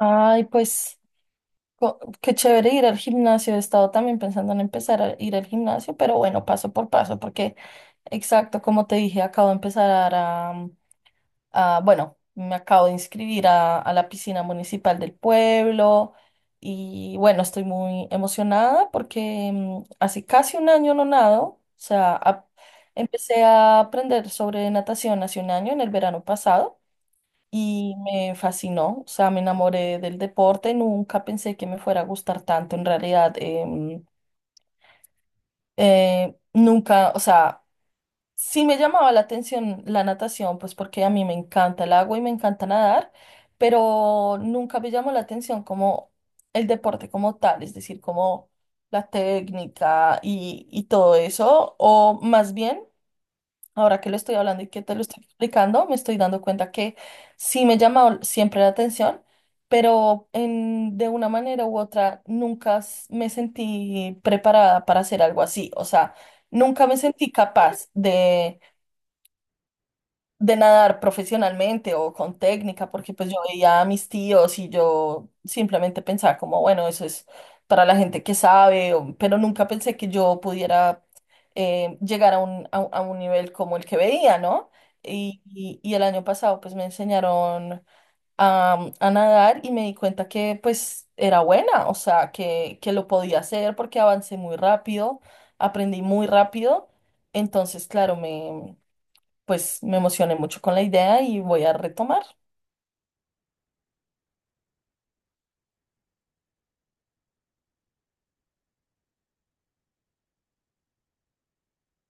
Ay, pues qué chévere ir al gimnasio. He estado también pensando en empezar a ir al gimnasio, pero bueno, paso por paso, porque exacto, como te dije, acabo de empezar a, bueno, me acabo de inscribir a la piscina municipal del pueblo y bueno, estoy muy emocionada porque hace casi un año no nado, o sea, empecé a aprender sobre natación hace un año, en el verano pasado y me fascinó, o sea, me enamoré del deporte, nunca pensé que me fuera a gustar tanto, en realidad, nunca, o sea, sí me llamaba la atención la natación, pues porque a mí me encanta el agua y me encanta nadar, pero nunca me llamó la atención como el deporte como tal, es decir, como la técnica y todo eso, o más bien. Ahora que lo estoy hablando y que te lo estoy explicando, me estoy dando cuenta que sí me llamó siempre la atención, pero en, de una manera u otra nunca me sentí preparada para hacer algo así. O sea, nunca me sentí capaz de nadar profesionalmente o con técnica, porque pues yo veía a mis tíos y yo simplemente pensaba como, bueno, eso es para la gente que sabe, o- pero nunca pensé que yo pudiera llegar a un, a, un a un nivel como el que veía, ¿no? Y, y el año pasado pues me enseñaron a nadar y me di cuenta que pues era buena, o sea, que lo podía hacer porque avancé muy rápido, aprendí muy rápido, entonces claro, me pues me emocioné mucho con la idea y voy a retomar.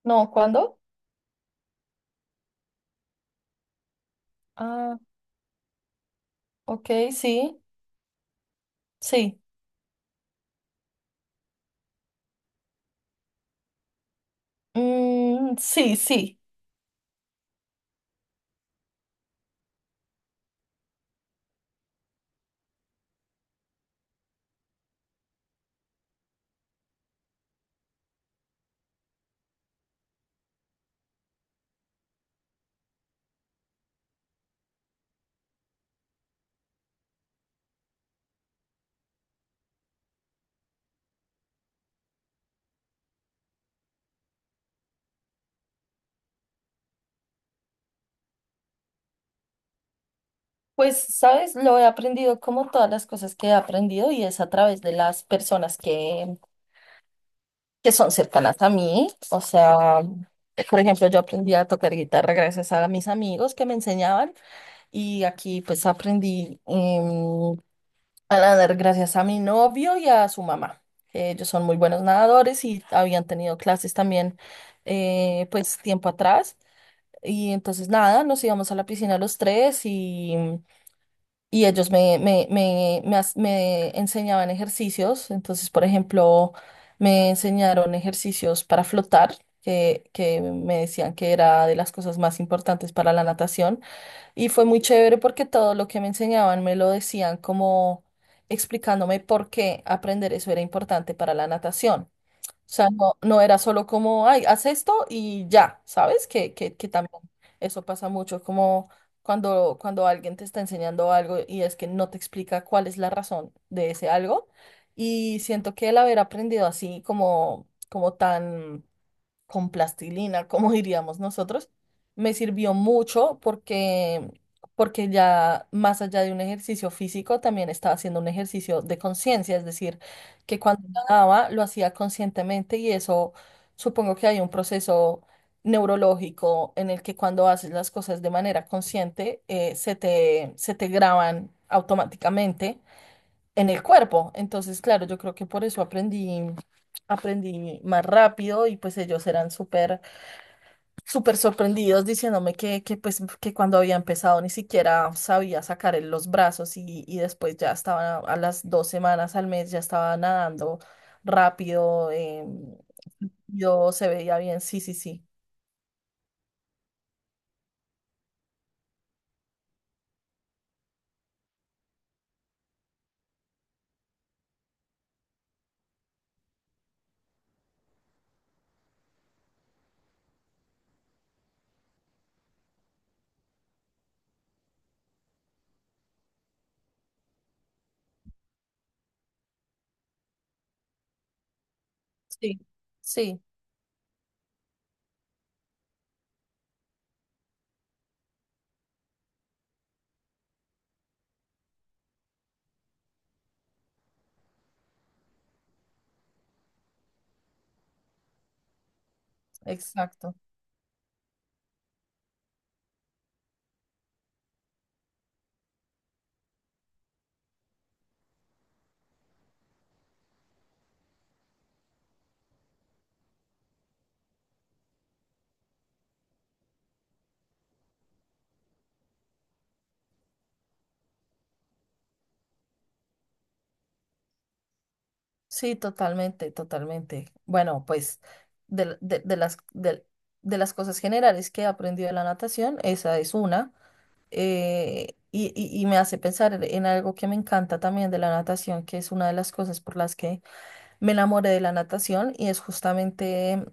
No, ¿cuándo? Ah, ok, sí, sí. Mm, sí, sí. Pues, sabes, lo he aprendido como todas las cosas que he aprendido y es a través de las personas que son cercanas a mí. O sea, por ejemplo, yo aprendí a tocar guitarra gracias a mis amigos que me enseñaban y aquí pues aprendí a nadar gracias a mi novio y a su mamá. Que ellos son muy buenos nadadores y habían tenido clases también pues tiempo atrás. Y entonces nada, nos íbamos a la piscina los tres y ellos me me enseñaban ejercicios. Entonces, por ejemplo, me enseñaron ejercicios para flotar, que me decían que era de las cosas más importantes para la natación. Y fue muy chévere porque todo lo que me enseñaban me lo decían como explicándome por qué aprender eso era importante para la natación. O sea, no, no era solo como, ay, haz esto y ya, ¿sabes? Que, que también eso pasa mucho, como cuando, cuando alguien te está enseñando algo y es que no te explica cuál es la razón de ese algo. Y siento que el haber aprendido así, como, como tan con plastilina, como diríamos nosotros, me sirvió mucho porque, porque ya más allá de un ejercicio físico, también estaba haciendo un ejercicio de conciencia, es decir, que cuando Ujú. Nadaba lo hacía conscientemente y eso supongo que hay un proceso neurológico en el que cuando haces las cosas de manera consciente, se te graban automáticamente en el cuerpo. Entonces, claro, yo creo que por eso aprendí, aprendí más rápido y pues ellos eran súper, súper sorprendidos diciéndome que pues que cuando había empezado ni siquiera sabía sacar los brazos y después ya estaba a las dos semanas al mes ya estaba nadando rápido, yo se veía bien, sí, sí, sí. Sí, sí, exacto. Sí, totalmente, totalmente. Bueno, pues de, de las cosas generales que he aprendido de la natación, esa es una. Y, y me hace pensar en algo que me encanta también de la natación, que es una de las cosas por las que me enamoré de la natación, y es justamente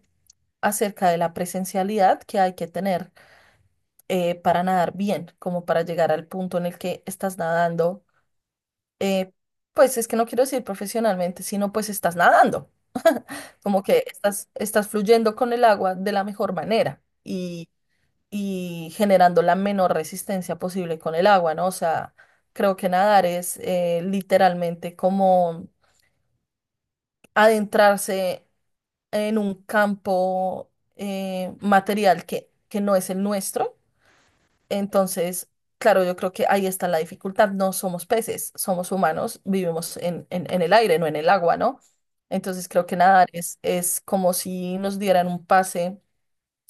acerca de la presencialidad que hay que tener para nadar bien, como para llegar al punto en el que estás nadando. eh, pues es que no quiero decir profesionalmente, sino pues estás nadando. Como que estás, estás fluyendo con el agua de la mejor manera y generando la menor resistencia posible con el agua, ¿no? O sea, creo que nadar es literalmente como adentrarse en un campo material que no es el nuestro. Entonces, claro, yo creo que ahí está la dificultad. No somos peces, somos humanos, vivimos en, en el aire, no en el agua, ¿no? Entonces creo que nadar es como si nos dieran un pase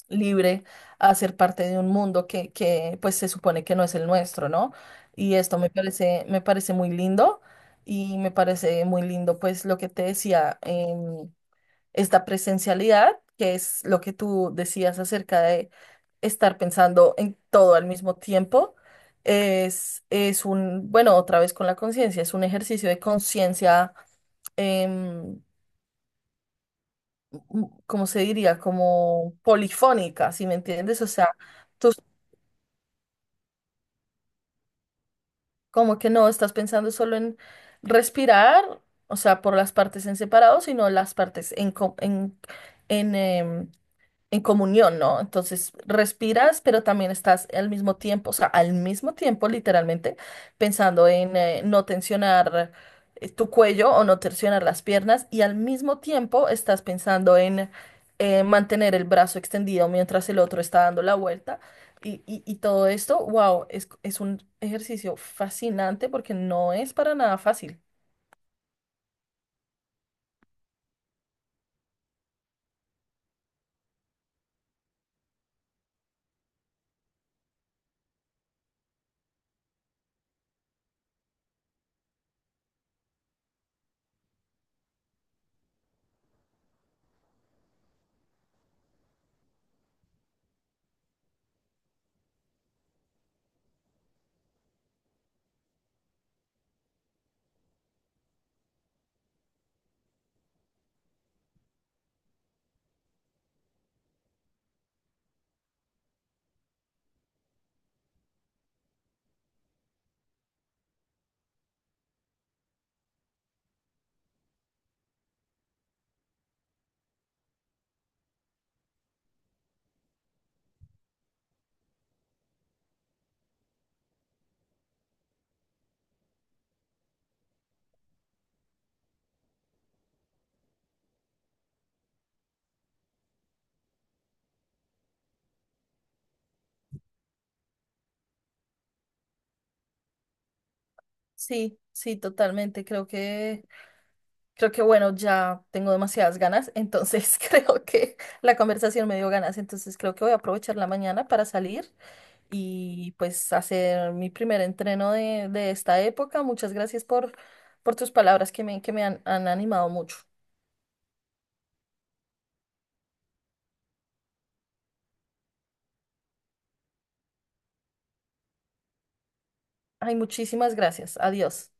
libre a ser parte de un mundo que pues se supone que no es el nuestro, ¿no? Y esto me parece muy lindo y me parece muy lindo pues lo que te decía, esta presencialidad, que es lo que tú decías acerca de estar pensando en todo al mismo tiempo. Es un, bueno, otra vez con la conciencia, es un ejercicio de conciencia, em, m- ¿cómo se diría? Como polifónica, ¿si me entiendes? O sea, como que no estás pensando solo en respirar, o sea, por las partes en separado, sino las partes en, en, en comunión, ¿no? Entonces respiras, pero también estás al mismo tiempo, o sea, al mismo tiempo, literalmente, pensando en no tensionar tu cuello o no tensionar las piernas y al mismo tiempo estás pensando en mantener el brazo extendido mientras el otro está dando la vuelta. Y, y todo esto, wow, es un ejercicio fascinante porque no es para nada fácil. Sí, sí, totalmente. Creo que creo que bueno, ya tengo demasiadas ganas, entonces creo que la conversación me dio ganas, entonces creo que voy a aprovechar la mañana para salir y pues hacer mi primer entreno de esta época. Muchas gracias por tus palabras que me han, han animado mucho. Ay, muchísimas gracias. Adiós.